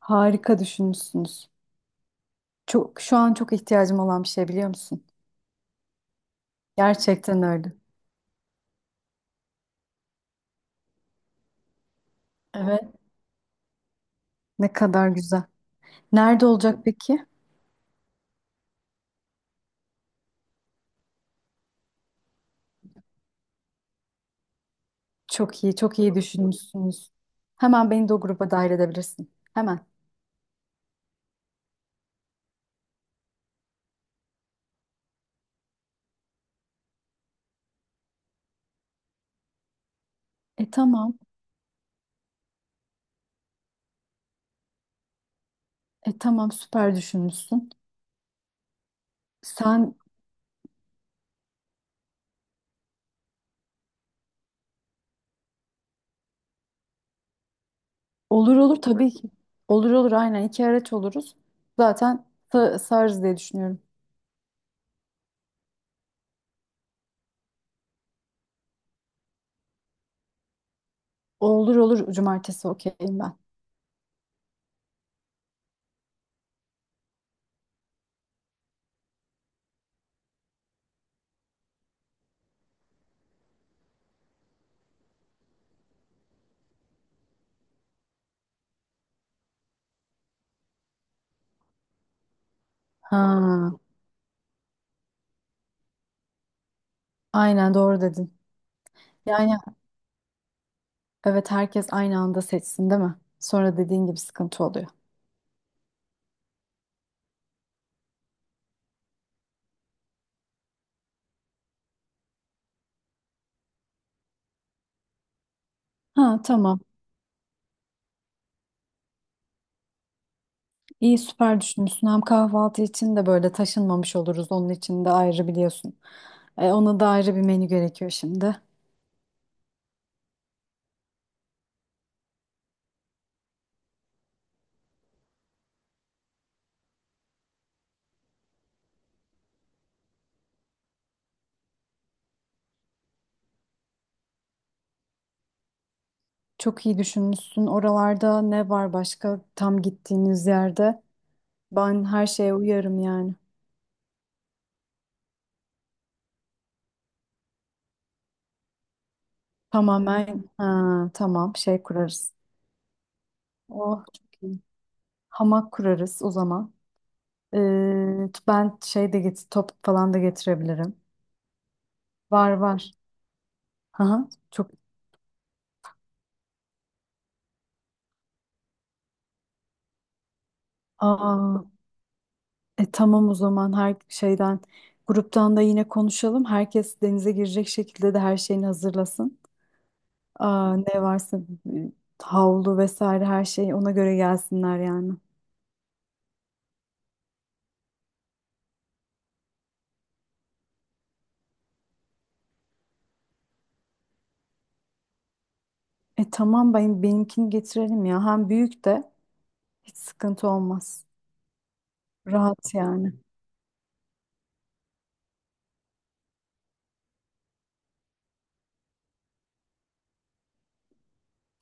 Harika düşünmüşsünüz. Çok, şu an çok ihtiyacım olan bir şey biliyor musun? Gerçekten öyle. Evet. Ne kadar güzel. Nerede olacak peki? Çok iyi, çok iyi düşünmüşsünüz. Hemen beni de o gruba dahil edebilirsin. Hemen. E tamam. E tamam, süper düşünmüşsün. Sen olur olur, tabii ki. Olur olur, aynen iki araç oluruz. Zaten sığarız diye düşünüyorum. Olur olur, cumartesi okeyim ben. Ha, aynen doğru dedin. Yani evet, herkes aynı anda seçsin değil mi? Sonra dediğin gibi sıkıntı oluyor. Ha, tamam. İyi, süper düşünmüşsün. Hem kahvaltı için de böyle taşınmamış oluruz. Onun için de ayrı biliyorsun. Ona da ayrı bir menü gerekiyor şimdi. Çok iyi düşünmüşsün. Oralarda ne var başka, tam gittiğiniz yerde? Ben her şeye uyarım yani. Tamamen, ha, tamam, şey kurarız. Oh, çok iyi. Hamak kurarız o zaman. Ben şey de get top falan da getirebilirim. Var var. Aha, çok. Aa, tamam, o zaman her şeyden gruptan da yine konuşalım. Herkes denize girecek şekilde de her şeyini hazırlasın. Aa, ne varsa e, havlu vesaire her şey ona göre gelsinler yani. E tamam, ben benimkini getirelim ya. Hem büyük de hiç sıkıntı olmaz. Rahat yani.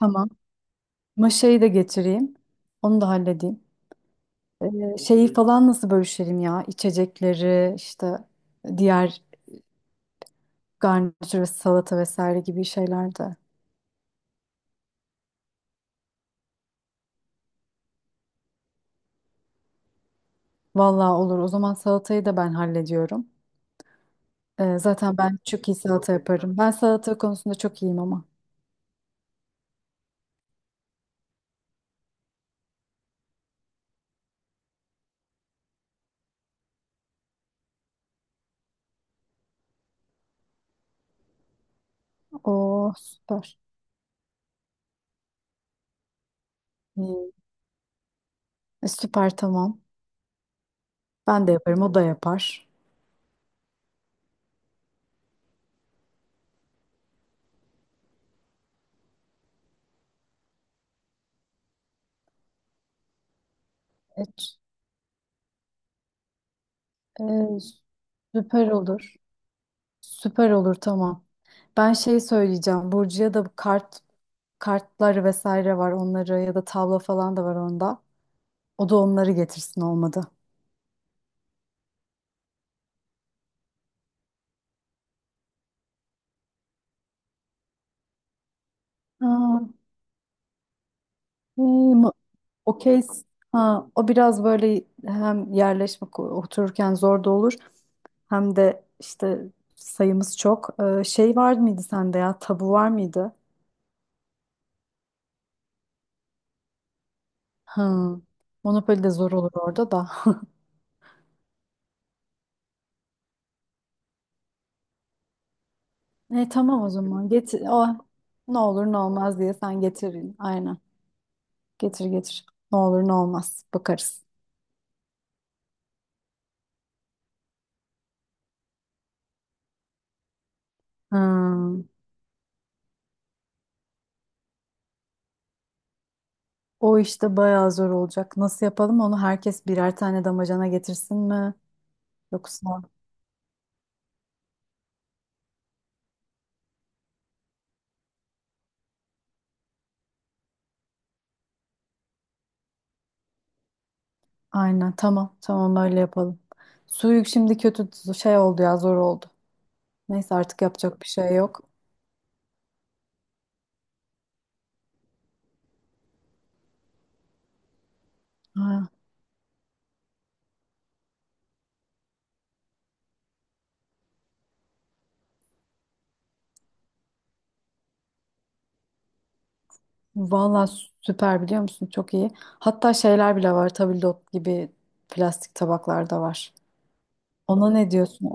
Tamam. Maşayı da getireyim. Onu da halledeyim. Şeyi falan nasıl bölüşelim ya? İçecekleri işte, diğer garnitür ve salata vesaire gibi şeyler de. Vallahi olur. O zaman salatayı da ben hallediyorum. Zaten ben çok iyi salata yaparım. Ben salata konusunda çok iyiyim ama. Oo, süper. İyi. Süper, tamam. Ben de yaparım. O da yapar. Evet. E, Süper olur. Süper olur, tamam. Ben şey söyleyeceğim. Burcu'ya da bu kartları vesaire var, onları ya da tavla falan da var onda. O da onları getirsin olmadı. Aa, iyi. O case, ha, o biraz böyle hem yerleşme otururken zor da olur, hem de işte sayımız çok. Şey var mıydı sende, ya tabu var mıydı? Hı. Monopoly de zor olur orada da. Tamam, o zaman getir. O, ne olur ne olmaz diye sen getirin. Aynen, getir getir. Ne olur ne olmaz bakarız. Hmm. O işte bayağı zor olacak. Nasıl yapalım onu, herkes birer tane damacana getirsin mi? Yoksa aynen, tamam tamam, öyle yapalım. Suyuk şimdi kötü şey oldu ya, zor oldu. Neyse, artık yapacak bir şey yok. Ha, vallahi süper, biliyor musun, çok iyi. Hatta şeyler bile var, tabldot gibi plastik tabaklar da var. Ona ne diyorsun?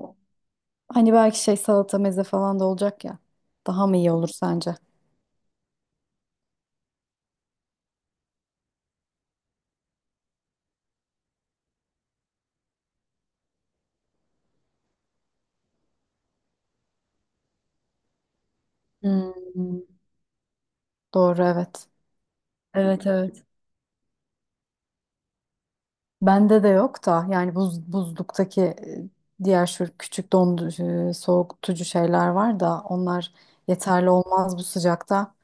Hani belki şey, salata meze falan da olacak ya. Daha mı iyi olur sence? Hmm, doğru, evet. Evet evet. Bende de yok da, yani buz, buzluktaki diğer şu küçük dondurucu, soğutucu şeyler var da onlar yeterli olmaz bu sıcakta.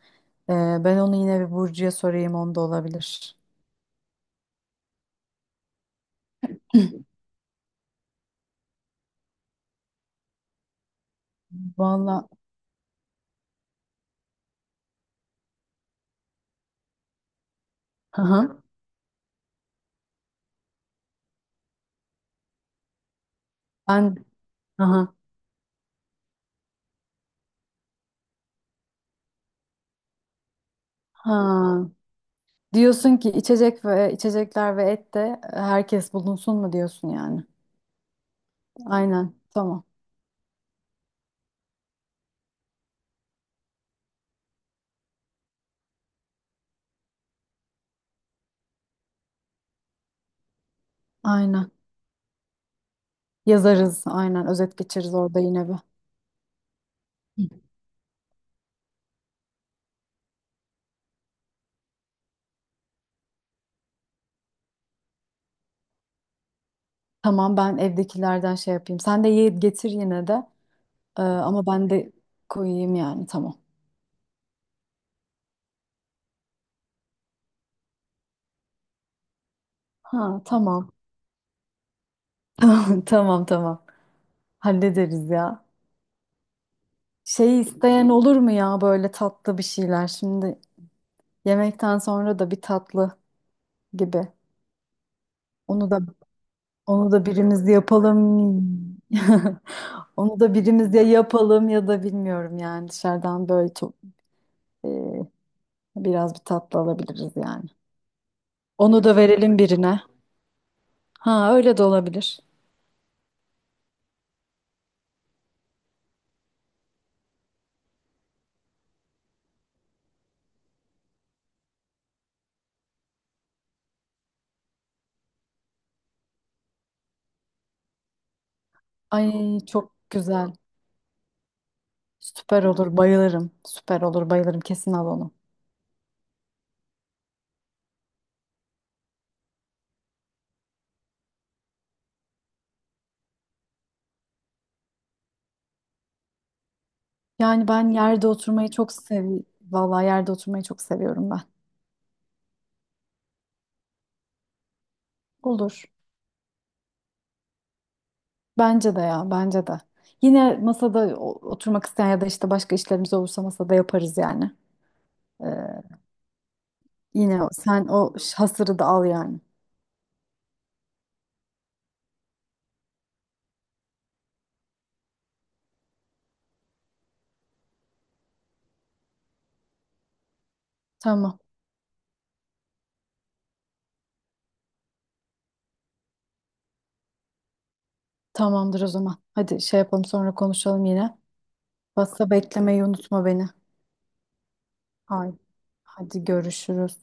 E, Ben onu yine bir Burcu'ya sorayım, onda olabilir. Valla, hı hı. Ben, hı hı. Ha. Diyorsun ki içecek ve içecekler ve et de herkes bulunsun mu diyorsun yani. Aynen, tamam, aynen yazarız, aynen özet geçeriz orada yine bir. Tamam, ben evdekilerden şey yapayım. Sen de getir yine de. Ama ben de koyayım yani, tamam. Ha, tamam. Tamam tamam. Hallederiz ya. Şey isteyen olur mu ya, böyle tatlı bir şeyler? Şimdi yemekten sonra da bir tatlı gibi. Onu da onu da birimiz yapalım. Onu da birimiz ya yapalım, ya da bilmiyorum yani, dışarıdan böyle çok, e, biraz bir tatlı alabiliriz yani. Onu da verelim birine. Ha, öyle de olabilir. Ay, çok güzel. Süper olur, bayılırım. Süper olur, bayılırım. Kesin al onu. Yani ben yerde oturmayı çok seviyorum. Vallahi yerde oturmayı çok seviyorum ben. Olur. Bence de ya, bence de. Yine masada oturmak isteyen ya da işte başka işlerimiz olursa masada yaparız yani. Ee, Yine sen o hasırı da al yani. Tamam, tamamdır o zaman. Hadi şey yapalım, sonra konuşalım yine. Basta beklemeyi unutma beni. Haydi, hadi görüşürüz.